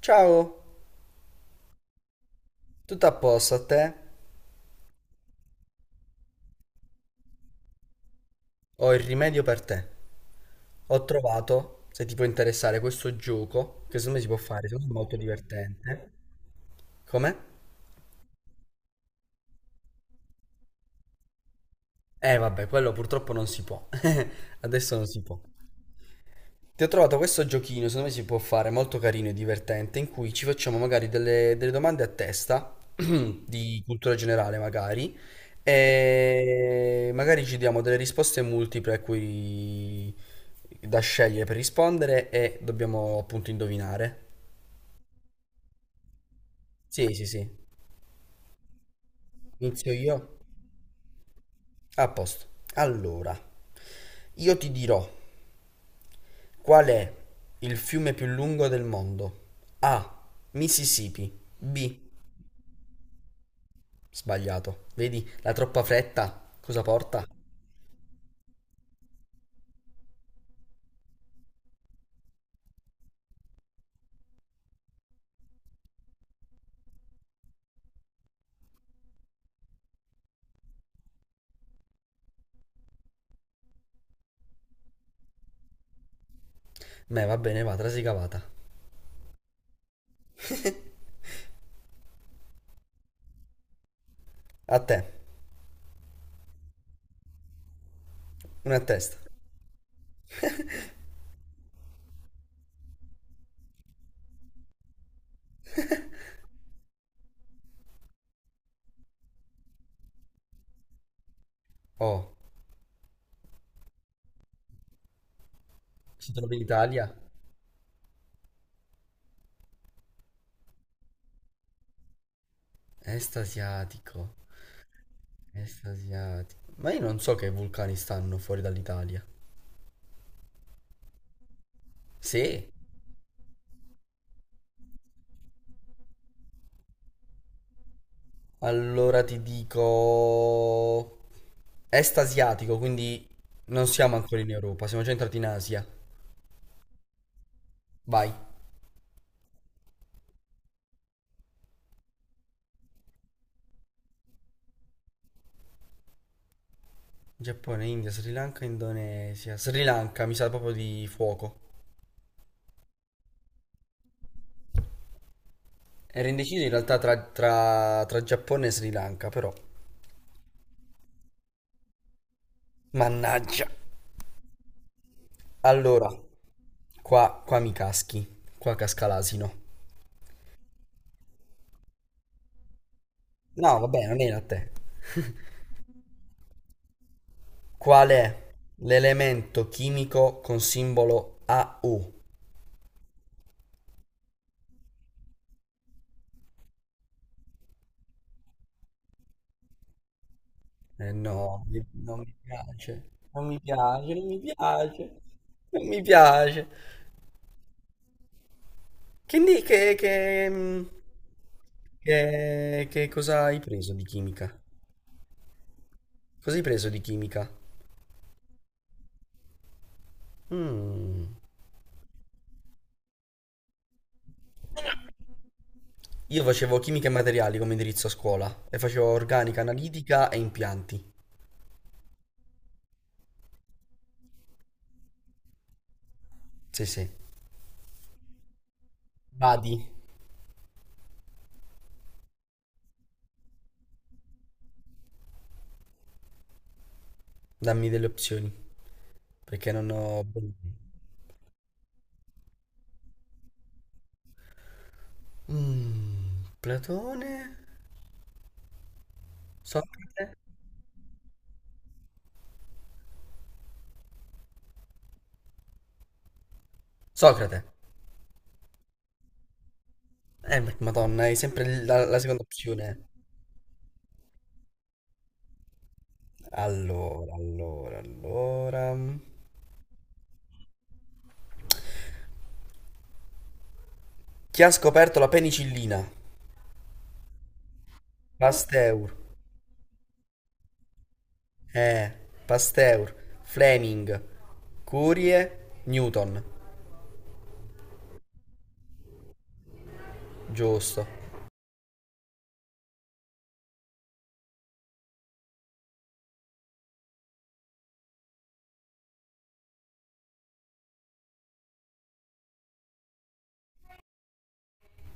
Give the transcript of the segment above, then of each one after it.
Ciao, tutto a posto a te? Ho il rimedio per te. Ho trovato, se ti può interessare, questo gioco che secondo me si può fare, secondo me è molto divertente. Come? Eh vabbè, quello purtroppo non si può. Adesso non si può. Ti ho trovato questo giochino, secondo me si può fare, molto carino e divertente, in cui ci facciamo magari delle domande a testa, di cultura generale magari, e magari ci diamo delle risposte multiple a cui da scegliere per rispondere e dobbiamo appunto indovinare. Sì, sì, sì. Inizio io. A posto. Allora, io ti dirò qual è il fiume più lungo del mondo. A. Mississippi. B. Sbagliato. Vedi, la troppa fretta cosa porta? Beh, va bene, va, trasi cavata. A te, una a testa. Oh, si trova in Italia? Est asiatico, est asiatico. Ma io non so che vulcani stanno fuori dall'Italia. Sì, allora ti dico... Est asiatico, quindi non siamo ancora in Europa, siamo già entrati in Asia. Vai. Giappone, India, Sri Lanka, Indonesia. Sri Lanka, mi sa proprio di fuoco. Ero indeciso in realtà tra, tra Giappone e Sri Lanka, però. Mannaggia. Allora, qua, qua mi caschi. Qua casca l'asino. No, vabbè, non era a te. Qual è l'elemento chimico con simbolo AU? Eh no, non mi piace. Non mi piace, non mi piace. Non mi piace. Che, che, che cosa hai preso di chimica? Cosa hai preso di chimica? Mm. Io facevo chimica e materiali come indirizzo a scuola e facevo organica, analitica e impianti. Sì, sì. Vadi, dammi delle opzioni, perché non ho... Mm, Platone? Socrate? Socrate. Madonna, è sempre la seconda opzione. Allora, allora, allora. Chi ha scoperto la penicillina? Pasteur. Eh, Pasteur, Fleming, Curie, Newton. Giusto.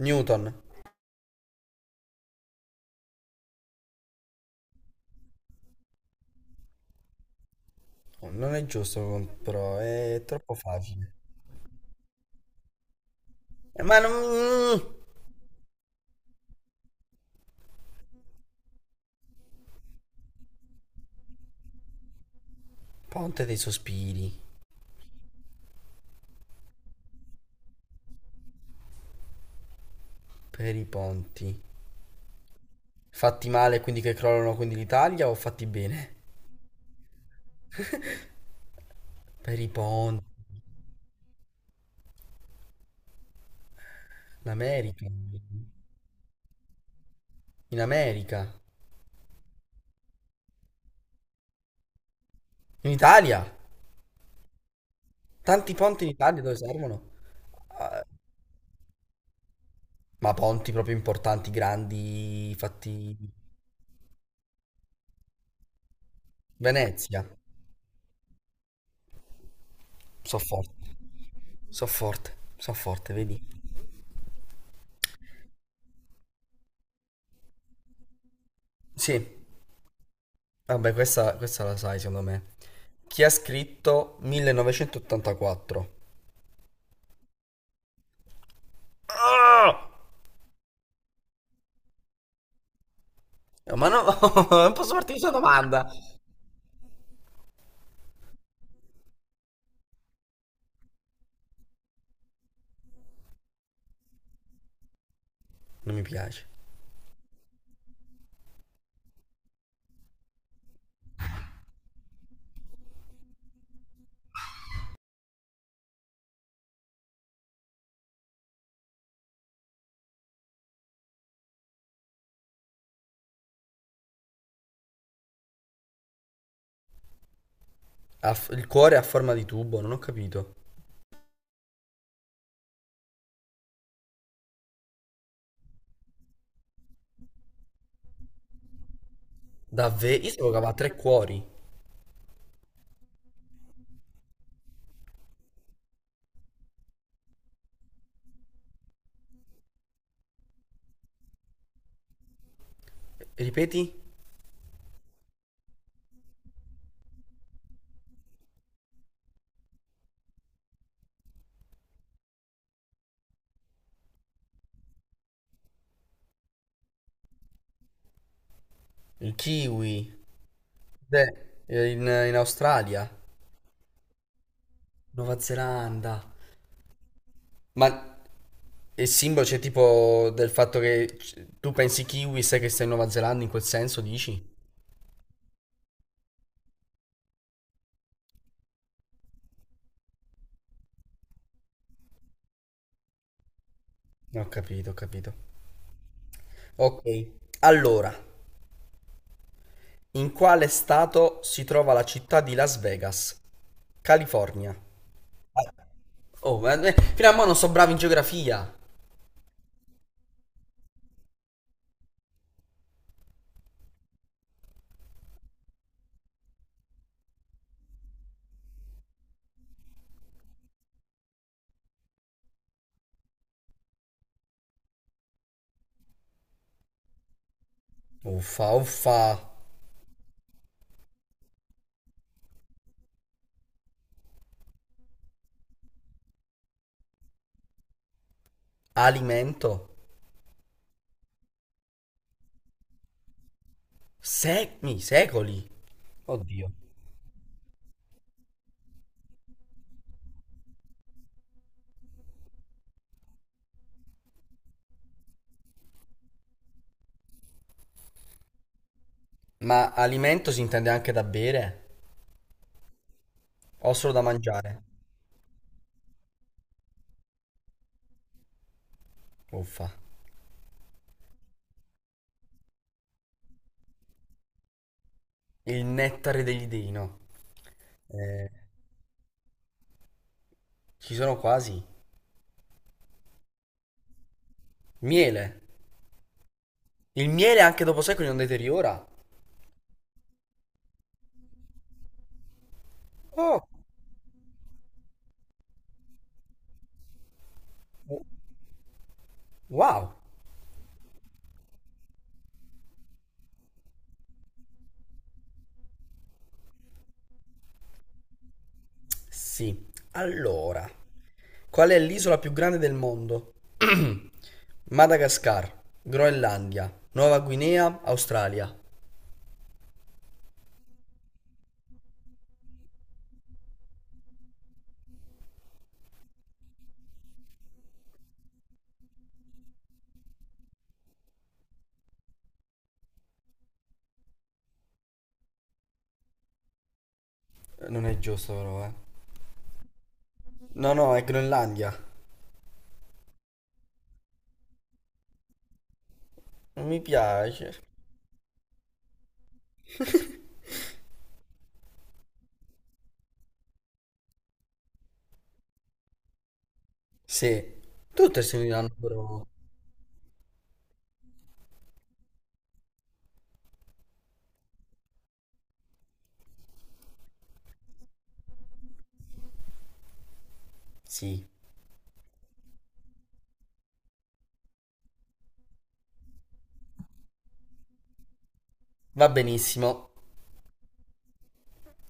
Newton. Oh, non è giusto, però è troppo facile. Ma non... mm, Ponte dei sospiri. Per i ponti. Fatti male quindi che crollano quindi l'Italia o fatti bene? Per i ponti. L'America. In America. In Italia. Tanti ponti in Italia dove servono? Ah, ma ponti proprio importanti, grandi, fatti... Venezia. So forte. So forte. So forte, vedi? Sì. Vabbè, questa la sai, secondo me. Chi ha scritto 1984? Ah! No, ma no, non posso farti questa domanda. Non mi piace. Il cuore a forma di tubo, non ho capito. Davvero? Io sapevo che aveva 3 cuori. Ripeti? Il kiwi. Beh, in, in Australia. Nuova Zelanda. Ma il simbolo c'è tipo del fatto che tu pensi kiwi, sai che stai in Nuova Zelanda, in quel senso dici? No, ho capito, ho capito. Ok, allora, in quale stato si trova la città di Las Vegas? California. Oh, fino a mo' non so bravo in geografia. Uffa, uffa. Alimento? Secmi, secoli. Oddio. Ma alimento si intende anche da bere? O solo da mangiare? Uffa. Il nettare degli dei, no? Ci sono quasi. Miele. Il miele anche dopo secoli non deteriora? Oh, wow. Sì. Allora, qual è l'isola più grande del mondo? Madagascar, Groenlandia, Nuova Guinea, Australia. Non è giusto però, eh. No, no, è Groenlandia. Non mi piace. Sì, tutte si uniranno però. Sì, va benissimo. Ciao.